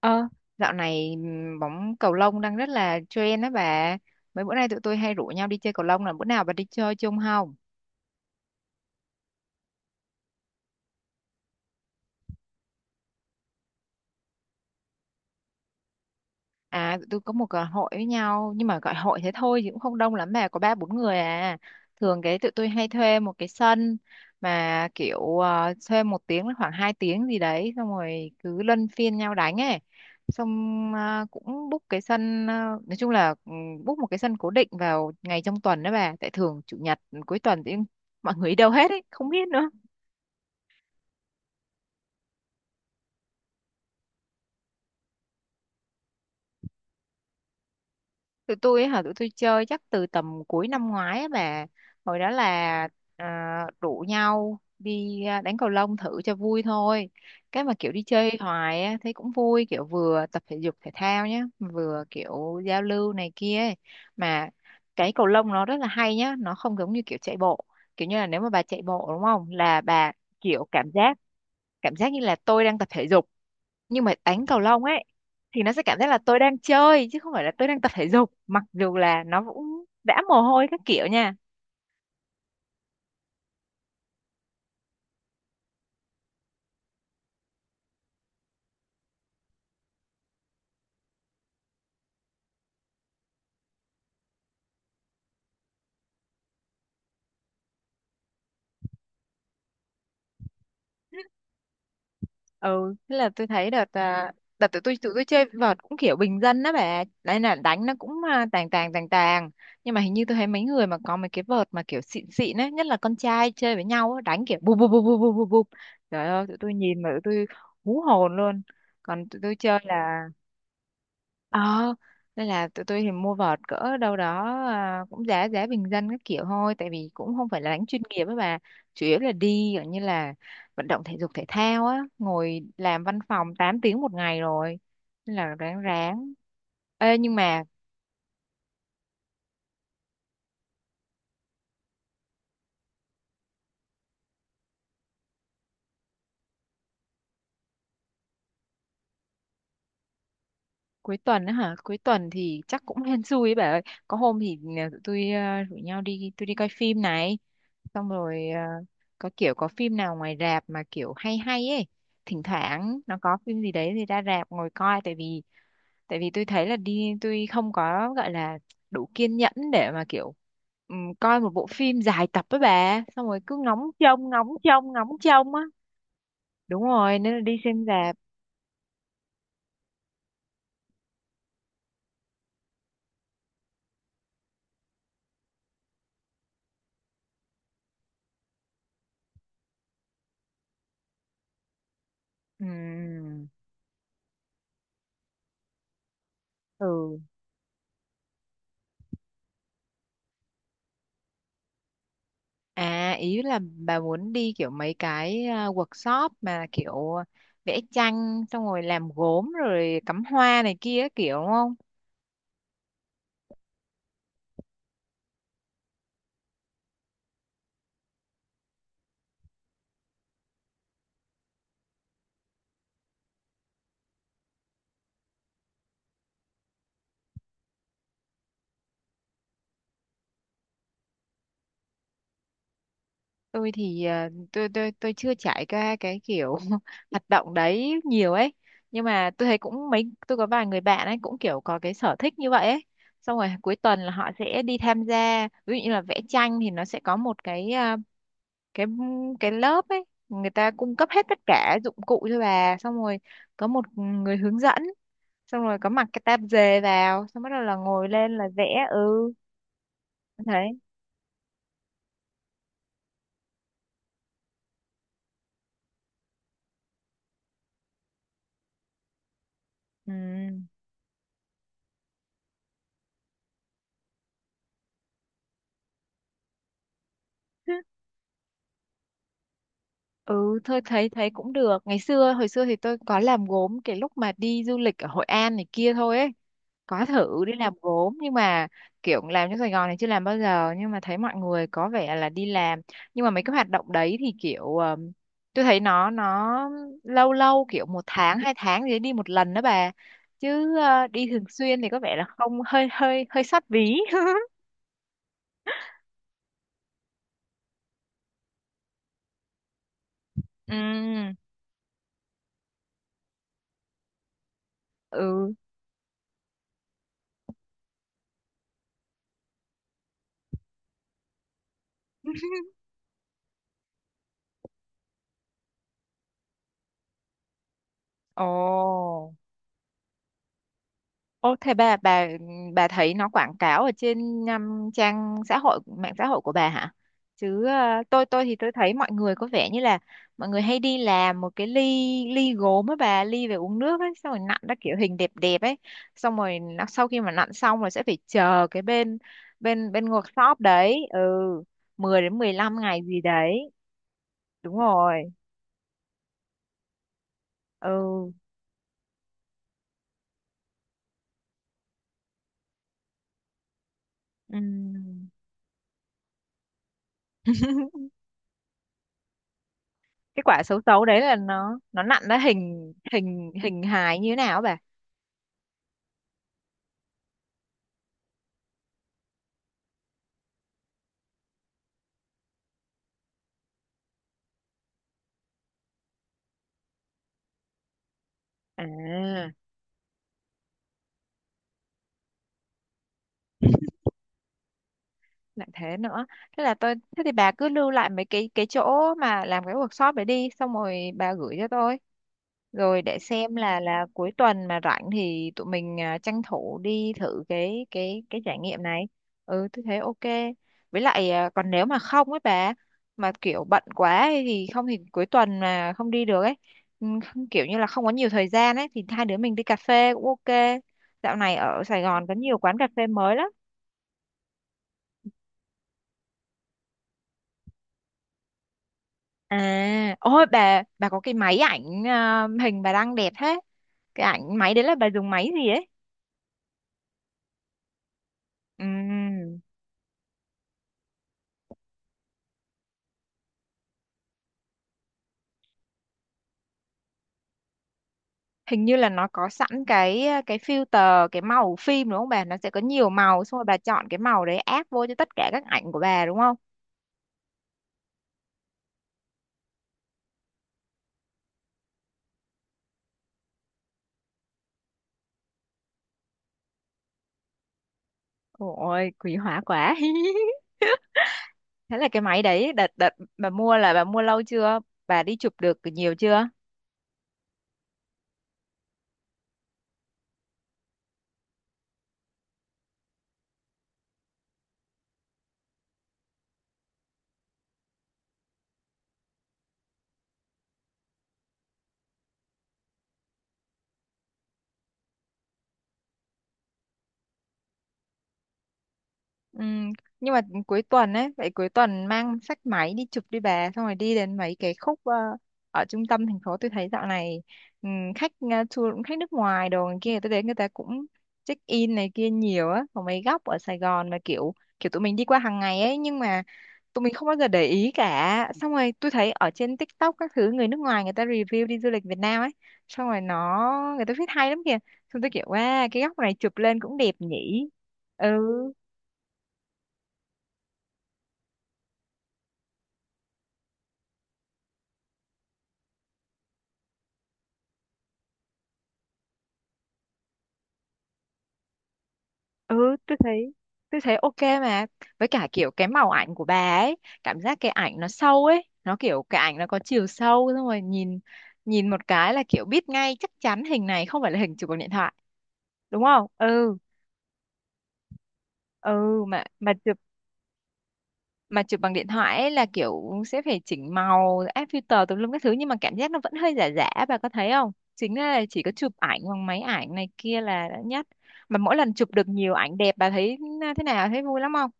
Ờ, dạo này bóng cầu lông đang rất là trend đó bà. Mấy bữa nay tụi tôi hay rủ nhau đi chơi cầu lông là bữa nào bà đi chơi chung không? À, tụi tôi có một hội với nhau nhưng mà gọi hội thế thôi chứ cũng không đông lắm mà có ba bốn người à. Thường cái tụi tôi hay thuê một cái sân mà kiểu thuê 1 tiếng đến khoảng 2 tiếng gì đấy xong rồi cứ luân phiên nhau đánh ấy. Xong cũng book cái sân nói chung là book một cái sân cố định vào ngày trong tuần đó bà. Tại thường chủ nhật cuối tuần thì mọi người đi đâu hết ấy, không biết nữa. Tụi tôi chơi chắc từ tầm cuối năm ngoái á bà, hồi đó là à, rủ nhau đi đánh cầu lông thử cho vui thôi, cái mà kiểu đi chơi hoài á thấy cũng vui, kiểu vừa tập thể dục thể thao nhá vừa kiểu giao lưu này kia ấy. Mà cái cầu lông nó rất là hay nhá, nó không giống như kiểu chạy bộ. Kiểu như là nếu mà bà chạy bộ đúng không là bà kiểu cảm giác như là tôi đang tập thể dục, nhưng mà đánh cầu lông ấy thì nó sẽ cảm giác là tôi đang chơi chứ không phải là tôi đang tập thể dục, mặc dù là nó cũng vã mồ hôi các kiểu nha. Ừ Thế là tôi thấy đợt tụi tôi chơi vợt cũng kiểu bình dân đó bà, đấy là đánh nó cũng tàng tàng tàng tàng, nhưng mà hình như tôi thấy mấy người mà có mấy cái vợt mà kiểu xịn xịn ấy, nhất là con trai chơi với nhau á, đánh kiểu bụp bụp bụp bụp bụp bụp bụp. Trời ơi tụi tôi nhìn mà tụi tôi hú hồn luôn. Còn tụi tôi chơi là ờ nên là tụi tôi thì mua vợt cỡ đâu đó cũng giá giá bình dân các kiểu thôi, tại vì cũng không phải là đánh chuyên nghiệp ấy bà. Chủ yếu là đi kiểu như là vận động thể dục thể thao á, ngồi làm văn phòng 8 tiếng một ngày rồi, nên là ráng ráng. Ê, nhưng mà cuối tuần á hả, cuối tuần thì chắc cũng hên xui ấy bà ơi. Có hôm thì tụi tôi rủ nhau đi, tôi đi coi phim này, xong rồi có kiểu có phim nào ngoài rạp mà kiểu hay hay ấy, thỉnh thoảng nó có phim gì đấy thì ra rạp ngồi coi. Tại vì tôi thấy là đi tôi không có gọi là đủ kiên nhẫn để mà kiểu coi một bộ phim dài tập với bà xong rồi cứ ngóng trông ngóng trông ngóng trông á. Đúng rồi, nên là đi xem rạp. Ừm, ừ À ý là bà muốn đi kiểu mấy cái workshop mà kiểu vẽ tranh xong rồi làm gốm rồi cắm hoa này kia kiểu đúng không? Tôi thì tôi chưa trải qua cái kiểu hoạt động đấy nhiều ấy. Nhưng mà tôi thấy cũng mấy tôi có vài người bạn ấy cũng kiểu có cái sở thích như vậy ấy. Xong rồi cuối tuần là họ sẽ đi tham gia, ví dụ như là vẽ tranh thì nó sẽ có một cái cái cái lớp ấy người ta cung cấp hết tất cả dụng cụ cho bà, xong rồi có một người hướng dẫn, xong rồi có mặc cái tạp dề vào xong bắt đầu là ngồi lên là vẽ. Ừ thấy ừ Ừ thôi thấy thấy cũng được, ngày xưa hồi xưa thì tôi có làm gốm cái lúc mà đi du lịch ở Hội An này kia thôi ấy, có thử đi làm gốm. Nhưng mà kiểu làm trong Sài Gòn này chưa làm bao giờ, nhưng mà thấy mọi người có vẻ là đi làm. Nhưng mà mấy cái hoạt động đấy thì kiểu tôi thấy nó lâu lâu kiểu một tháng hai tháng gì đấy đi một lần đó bà, chứ đi thường xuyên thì có vẻ là không, hơi hơi hơi xót ví. Ừ. ừ ồ Ô, thế bà thấy nó quảng cáo ở trên trang xã hội mạng xã hội của bà hả? Chứ tôi thì tôi thấy mọi người có vẻ như là mọi người hay đi làm một cái ly ly gốm á bà, ly về uống nước ấy, xong rồi nặn ra kiểu hình đẹp đẹp ấy. Xong rồi nó, sau khi mà nặn xong rồi sẽ phải chờ cái bên bên bên workshop đấy, ừ, 10 đến 15 ngày gì đấy. Đúng rồi. ừ ừm. Cái quả xấu xấu đấy là nó nặn ra hình hình hình hài như thế nào á? À, lại thế nữa. Thế là tôi Thế thì bà cứ lưu lại mấy cái chỗ mà làm cái workshop để đi, xong rồi bà gửi cho tôi. Rồi để xem là cuối tuần mà rảnh thì tụi mình tranh thủ đi thử cái trải nghiệm này. Ừ, tôi thấy ok. Với lại còn nếu mà không ấy bà, mà kiểu bận quá ấy thì không, thì cuối tuần mà không đi được ấy. Kiểu như là không có nhiều thời gian ấy thì hai đứa mình đi cà phê cũng ok. Dạo này ở Sài Gòn có nhiều quán cà phê mới lắm. À, ôi bà có cái máy ảnh hình bà đang đẹp thế. Cái ảnh máy đấy là bà dùng máy gì ấy? Ừm, Hình như là nó có sẵn cái cái filter, cái màu phim đúng không bà? Nó sẽ có nhiều màu, xong rồi bà chọn cái màu đấy áp vô cho tất cả các ảnh của bà đúng không? Ôi, quý hóa quá. Thế là cái máy đấy đợt đợt bà mua là bà mua lâu chưa? Bà đi chụp được nhiều chưa? Ừ, nhưng mà cuối tuần ấy, vậy cuối tuần mang sách máy đi chụp đi bà, xong rồi đi đến mấy cái khúc ở trung tâm thành phố tôi thấy dạo này ừ, khách tour cũng khách nước ngoài đồ này kia, tôi đến người ta cũng check in này kia nhiều á, có mấy góc ở Sài Gòn mà kiểu, kiểu tụi mình đi qua hàng ngày ấy, nhưng mà tụi mình không bao giờ để ý cả. Xong rồi tôi thấy ở trên TikTok các thứ người nước ngoài người ta review đi du lịch Việt Nam ấy, xong rồi nó, người ta viết hay lắm kìa. Xong tôi kiểu wow, cái góc này chụp lên cũng đẹp nhỉ. Ừ. ừ tôi thấy ok mà, với cả kiểu cái màu ảnh của bà ấy, cảm giác cái ảnh nó sâu ấy, nó kiểu cái ảnh nó có chiều sâu, xong rồi nhìn, nhìn một cái là kiểu biết ngay chắc chắn hình này không phải là hình chụp bằng điện thoại đúng không. Ừ ừ mà chụp, mà chụp bằng điện thoại ấy là kiểu sẽ phải chỉnh màu áp filter tùm lum các thứ, nhưng mà cảm giác nó vẫn hơi giả giả, bà có thấy không, chính là chỉ có chụp ảnh bằng máy ảnh này kia là đã nhất. Mà mỗi lần chụp được nhiều ảnh đẹp bà thấy thế nào, thấy vui lắm không?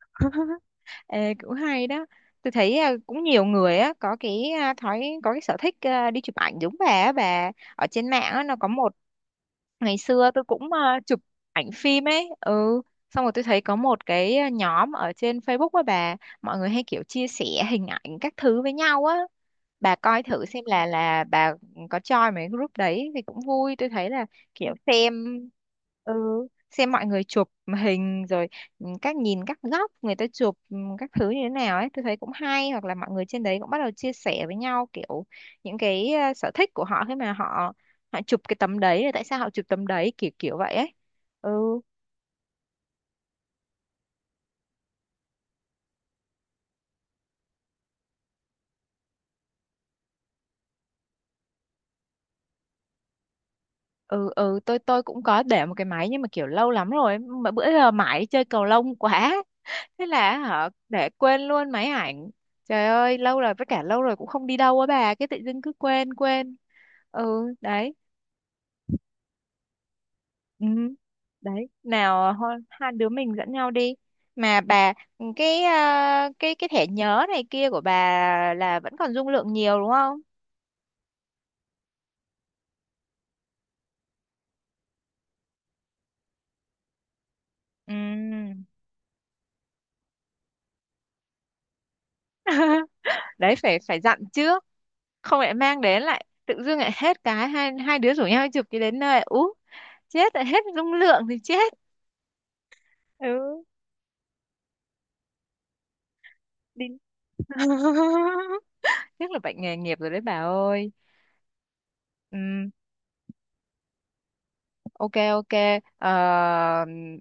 Ê, cũng hay đó. Tôi thấy cũng nhiều người á có cái thói có cái sở thích đi chụp ảnh giống bà á, bà ở trên mạng á nó có một, ngày xưa tôi cũng chụp ảnh phim ấy. Ừ Xong rồi tôi thấy có một cái nhóm ở trên Facebook á bà, mọi người hay kiểu chia sẻ hình ảnh các thứ với nhau á. Bà coi thử xem là bà có join mấy group đấy thì cũng vui, tôi thấy là kiểu xem, ừ xem mọi người chụp hình rồi, các nhìn các góc người ta chụp các thứ như thế nào ấy tôi thấy cũng hay, hoặc là mọi người trên đấy cũng bắt đầu chia sẻ với nhau kiểu những cái sở thích của họ khi mà họ, họ chụp cái tấm đấy là tại sao họ chụp tấm đấy kiểu kiểu vậy ấy. ừ ừ tôi cũng có để một cái máy nhưng mà kiểu lâu lắm rồi mà bữa giờ mãi chơi cầu lông quá, thế là họ để quên luôn máy ảnh. Trời ơi lâu rồi, với cả lâu rồi cũng không đi đâu á bà, cái tự dưng cứ quên quên. Ừ đấy, ừ đấy, nào hai đứa mình dẫn nhau đi. Mà bà cái cái thẻ nhớ này kia của bà là vẫn còn dung lượng nhiều đúng không? Ừ. Đấy phải phải dặn trước, không lại mang đến lại tự dưng lại hết, cái hai hai đứa rủ nhau đi chụp cái đến nơi ú chết lại hết dung lượng thì chết. Ừ, đi. Chắc là bệnh nghề nghiệp rồi đấy bà ơi. Ừm, ok ok. Ờ,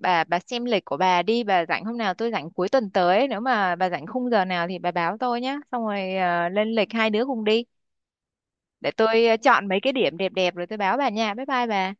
bà xem lịch của bà đi, bà rảnh hôm nào, tôi rảnh cuối tuần tới, nếu mà bà rảnh khung giờ nào thì bà báo tôi nhé, xong rồi lên lịch hai đứa cùng đi, để tôi chọn mấy cái điểm đẹp đẹp rồi tôi báo bà nha. Bye bye bà.